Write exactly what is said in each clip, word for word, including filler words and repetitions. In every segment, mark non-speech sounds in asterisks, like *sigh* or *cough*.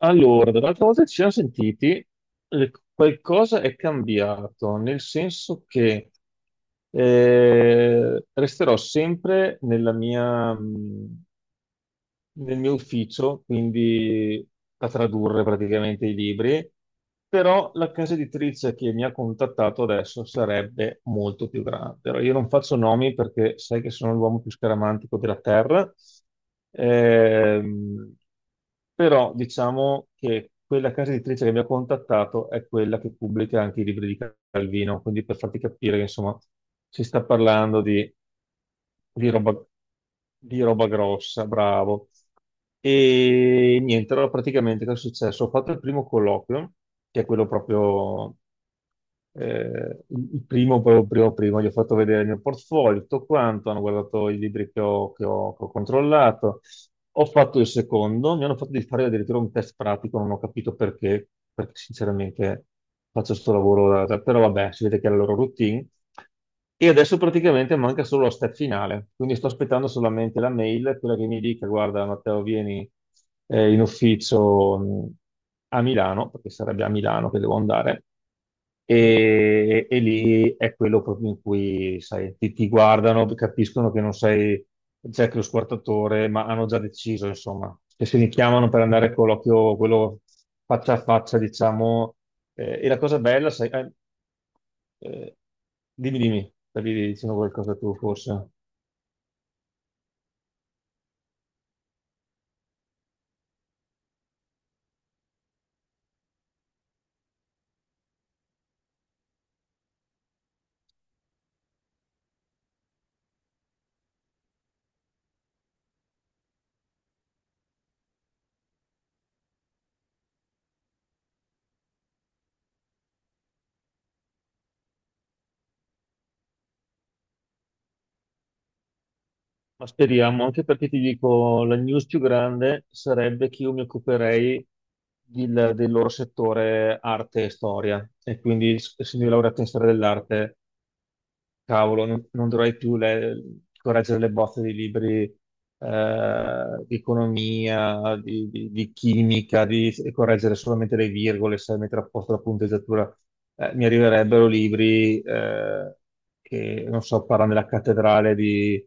Allora, dall'altra volta che ci siamo sentiti, le- qualcosa è cambiato, nel senso che eh, resterò sempre nella mia, mh, nel mio ufficio, quindi a tradurre praticamente i libri, però la casa editrice che mi ha contattato adesso sarebbe molto più grande. Allora, io non faccio nomi perché sai che sono l'uomo più scaramantico della terra, ehm, però diciamo che quella casa editrice che mi ha contattato è quella che pubblica anche i libri di Calvino, quindi per farti capire che insomma si sta parlando di di roba, di roba grossa, bravo. E niente, allora praticamente cosa è successo? Ho fatto il primo colloquio, che è quello proprio, eh, il il primo, proprio primo, primo, gli ho fatto vedere il mio portfolio, tutto quanto, hanno guardato i libri che ho, che ho- che ho controllato. Ho fatto il secondo, mi hanno fatto di fare addirittura un test pratico, non ho capito perché, perché sinceramente faccio questo lavoro, da- da- però vabbè, si vede che è la loro routine. E adesso praticamente manca solo la step finale, quindi sto aspettando solamente la mail, quella che mi dica, guarda Matteo, vieni eh, in ufficio mh, a Milano, perché sarebbe a Milano che devo andare, e, e lì è quello proprio in cui, sai, ti, ti guardano, capiscono che non sei Jack lo squartatore, ma hanno già deciso, insomma, che se li chiamano per andare a colloquio, quello faccia a faccia, diciamo eh, e la cosa bella, sai, eh, eh, dimmi, dimmi, stavi dicendo qualcosa tu forse. Ma speriamo, anche perché ti dico, la news più grande sarebbe che io mi occuperei del, del loro settore arte e storia, e quindi essendo io laureato in storia dell'arte. Cavolo, non, non dovrai più le- correggere le bozze di libri eh, di economia, di, di- di chimica, di e correggere solamente le virgole, sai, mettere a posto la punteggiatura. Eh, mi arriverebbero libri eh, che, non so, parlano della cattedrale di,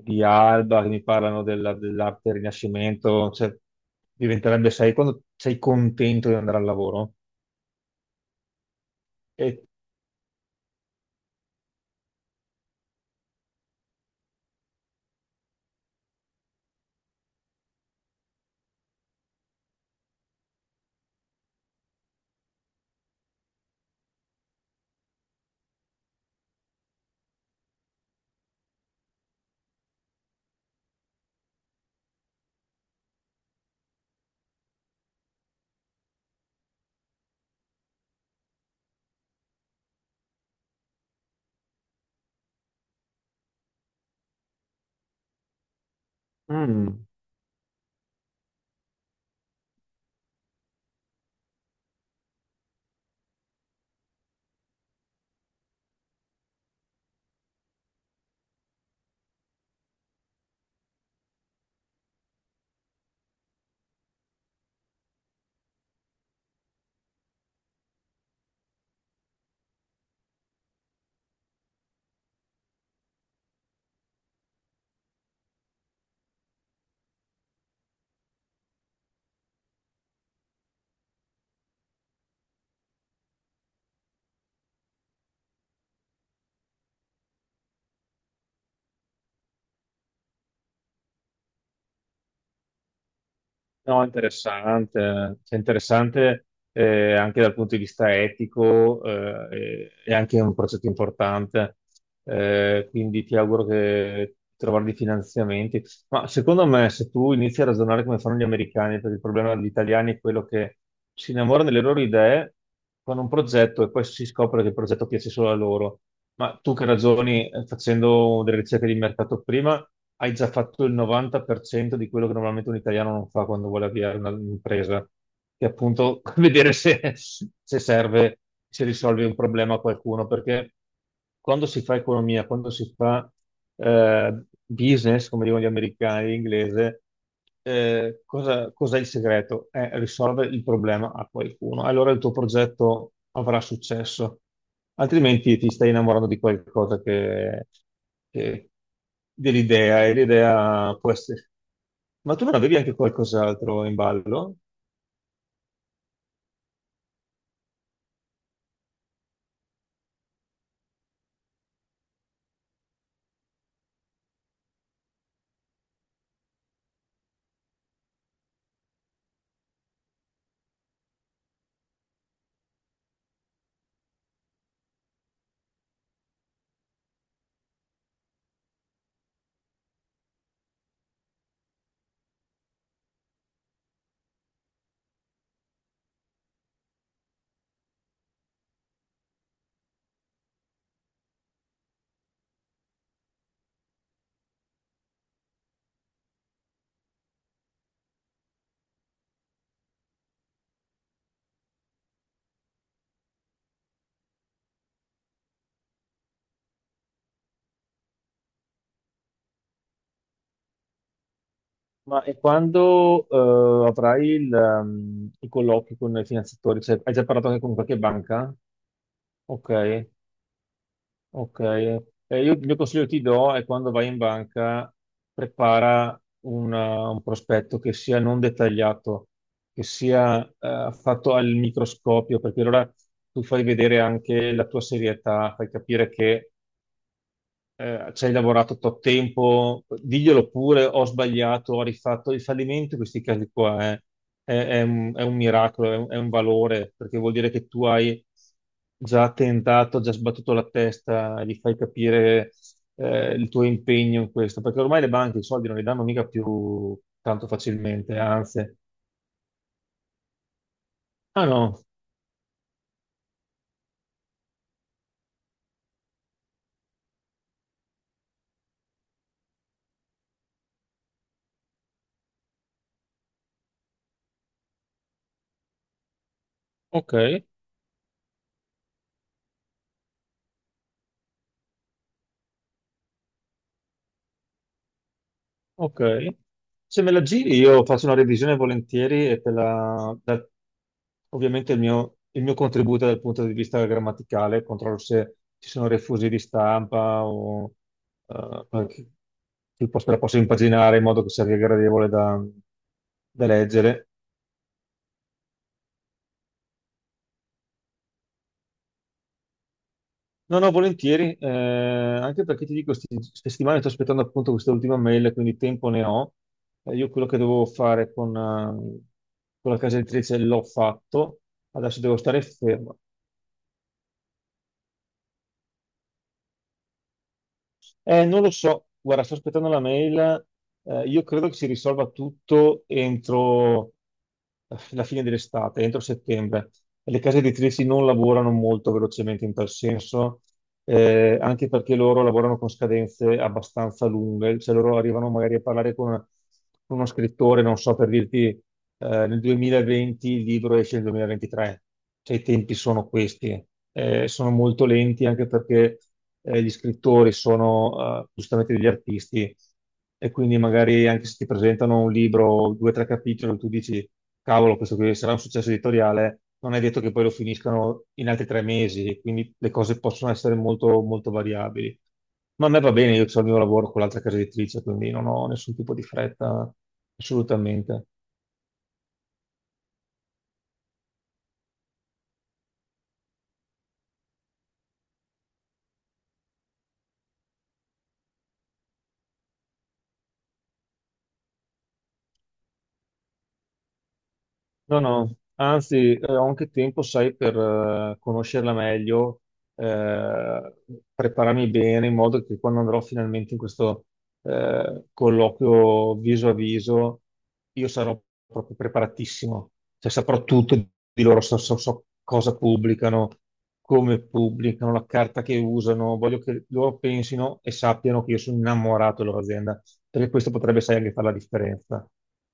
di Alba, che mi parlano della- dell'arte del Rinascimento. Cioè, diventerebbe, sai, quando sei contento di andare al lavoro e. Mm. No, interessante. Cioè, interessante eh, anche dal punto di vista etico, eh, e, e anche un progetto importante. Eh, quindi ti auguro che trovare dei finanziamenti. Ma secondo me, se tu inizi a ragionare come fanno gli americani, perché il problema degli italiani è quello che si innamorano delle loro idee, fanno un progetto e poi si scopre che il progetto piace solo a loro. Ma tu che ragioni, eh, facendo delle ricerche di mercato prima, hai già fatto il novanta per cento di quello che normalmente un italiano non fa quando vuole avviare una- un'impresa, che è appunto *laughs* vedere se, se serve, se risolve un problema a qualcuno, perché quando si fa economia, quando si fa eh, business, come dicono gli americani in inglese, eh, cosa- cos'è il segreto? È risolvere il problema a qualcuno. Allora il tuo progetto avrà successo, altrimenti ti stai innamorando di qualcosa che, che- dell'idea e l'idea può essere. Ma tu non avevi anche qualcos'altro in ballo? Ma e quando eh, avrai il, ehm, i colloqui con i finanziatori? Cioè, hai già parlato anche con qualche banca? Ok. Ok. Eh, io il mio consiglio che ti do è quando vai in banca, prepara una- un prospetto che sia non dettagliato, che sia eh, fatto al microscopio, perché allora tu fai vedere anche la tua serietà, fai capire che eh, ci hai lavorato tot tempo, diglielo pure, ho sbagliato, ho rifatto il fallimento, in questi casi qua è, è- è un, è un miracolo, è un, è un valore, perché vuol dire che tu hai già tentato, già sbattuto la testa, e gli fai capire eh, il tuo impegno in questo, perché ormai le banche i soldi non li danno mica più tanto facilmente, anzi, ah no, ok. Ok, se me la giri io faccio una revisione volentieri e te la... da- Ovviamente il mio, il mio contributo dal punto di vista grammaticale, controllo se ci sono refusi di stampa o eh, qualche- che posso- la posso impaginare in modo che sia gradevole da, da leggere. No, no, volentieri, eh, anche perché ti dico, sti- queste settimane sto aspettando appunto questa ultima mail, quindi tempo ne ho. Eh, io quello che dovevo fare con, eh, con la casa editrice l'ho fatto, adesso devo stare fermo. Eh, non lo so, guarda, sto aspettando la mail. Eh, io credo che si risolva tutto entro eh, la fine dell'estate, entro settembre. Le case editrici non lavorano molto velocemente in tal senso, eh, anche perché loro lavorano con scadenze abbastanza lunghe, cioè loro arrivano magari a parlare con, con uno scrittore, non so per dirti eh, nel duemilaventi il libro esce nel duemilaventitré, cioè i tempi sono questi. Eh, sono molto lenti anche perché eh, gli scrittori sono eh, giustamente degli artisti e quindi magari anche se ti presentano un libro, due o tre capitoli, tu dici, cavolo, questo qui sarà un successo editoriale, non è detto che poi lo finiscano in altri tre mesi, e quindi le cose possono essere molto, molto variabili. Ma a me va bene, io ho il mio lavoro con l'altra casa editrice, quindi non ho nessun tipo di fretta, assolutamente. No, no, anzi, eh, ho anche tempo, sai, per eh, conoscerla meglio, eh, prepararmi bene in modo che quando andrò finalmente in questo eh, colloquio viso a viso, io sarò proprio preparatissimo, cioè saprò tutto di loro, so, so- so cosa pubblicano, come pubblicano, la carta che usano, voglio che loro pensino e sappiano che io sono innamorato della loro azienda, perché questo potrebbe, sai, anche fare la differenza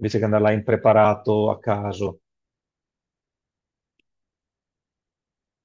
invece che andare là impreparato a caso.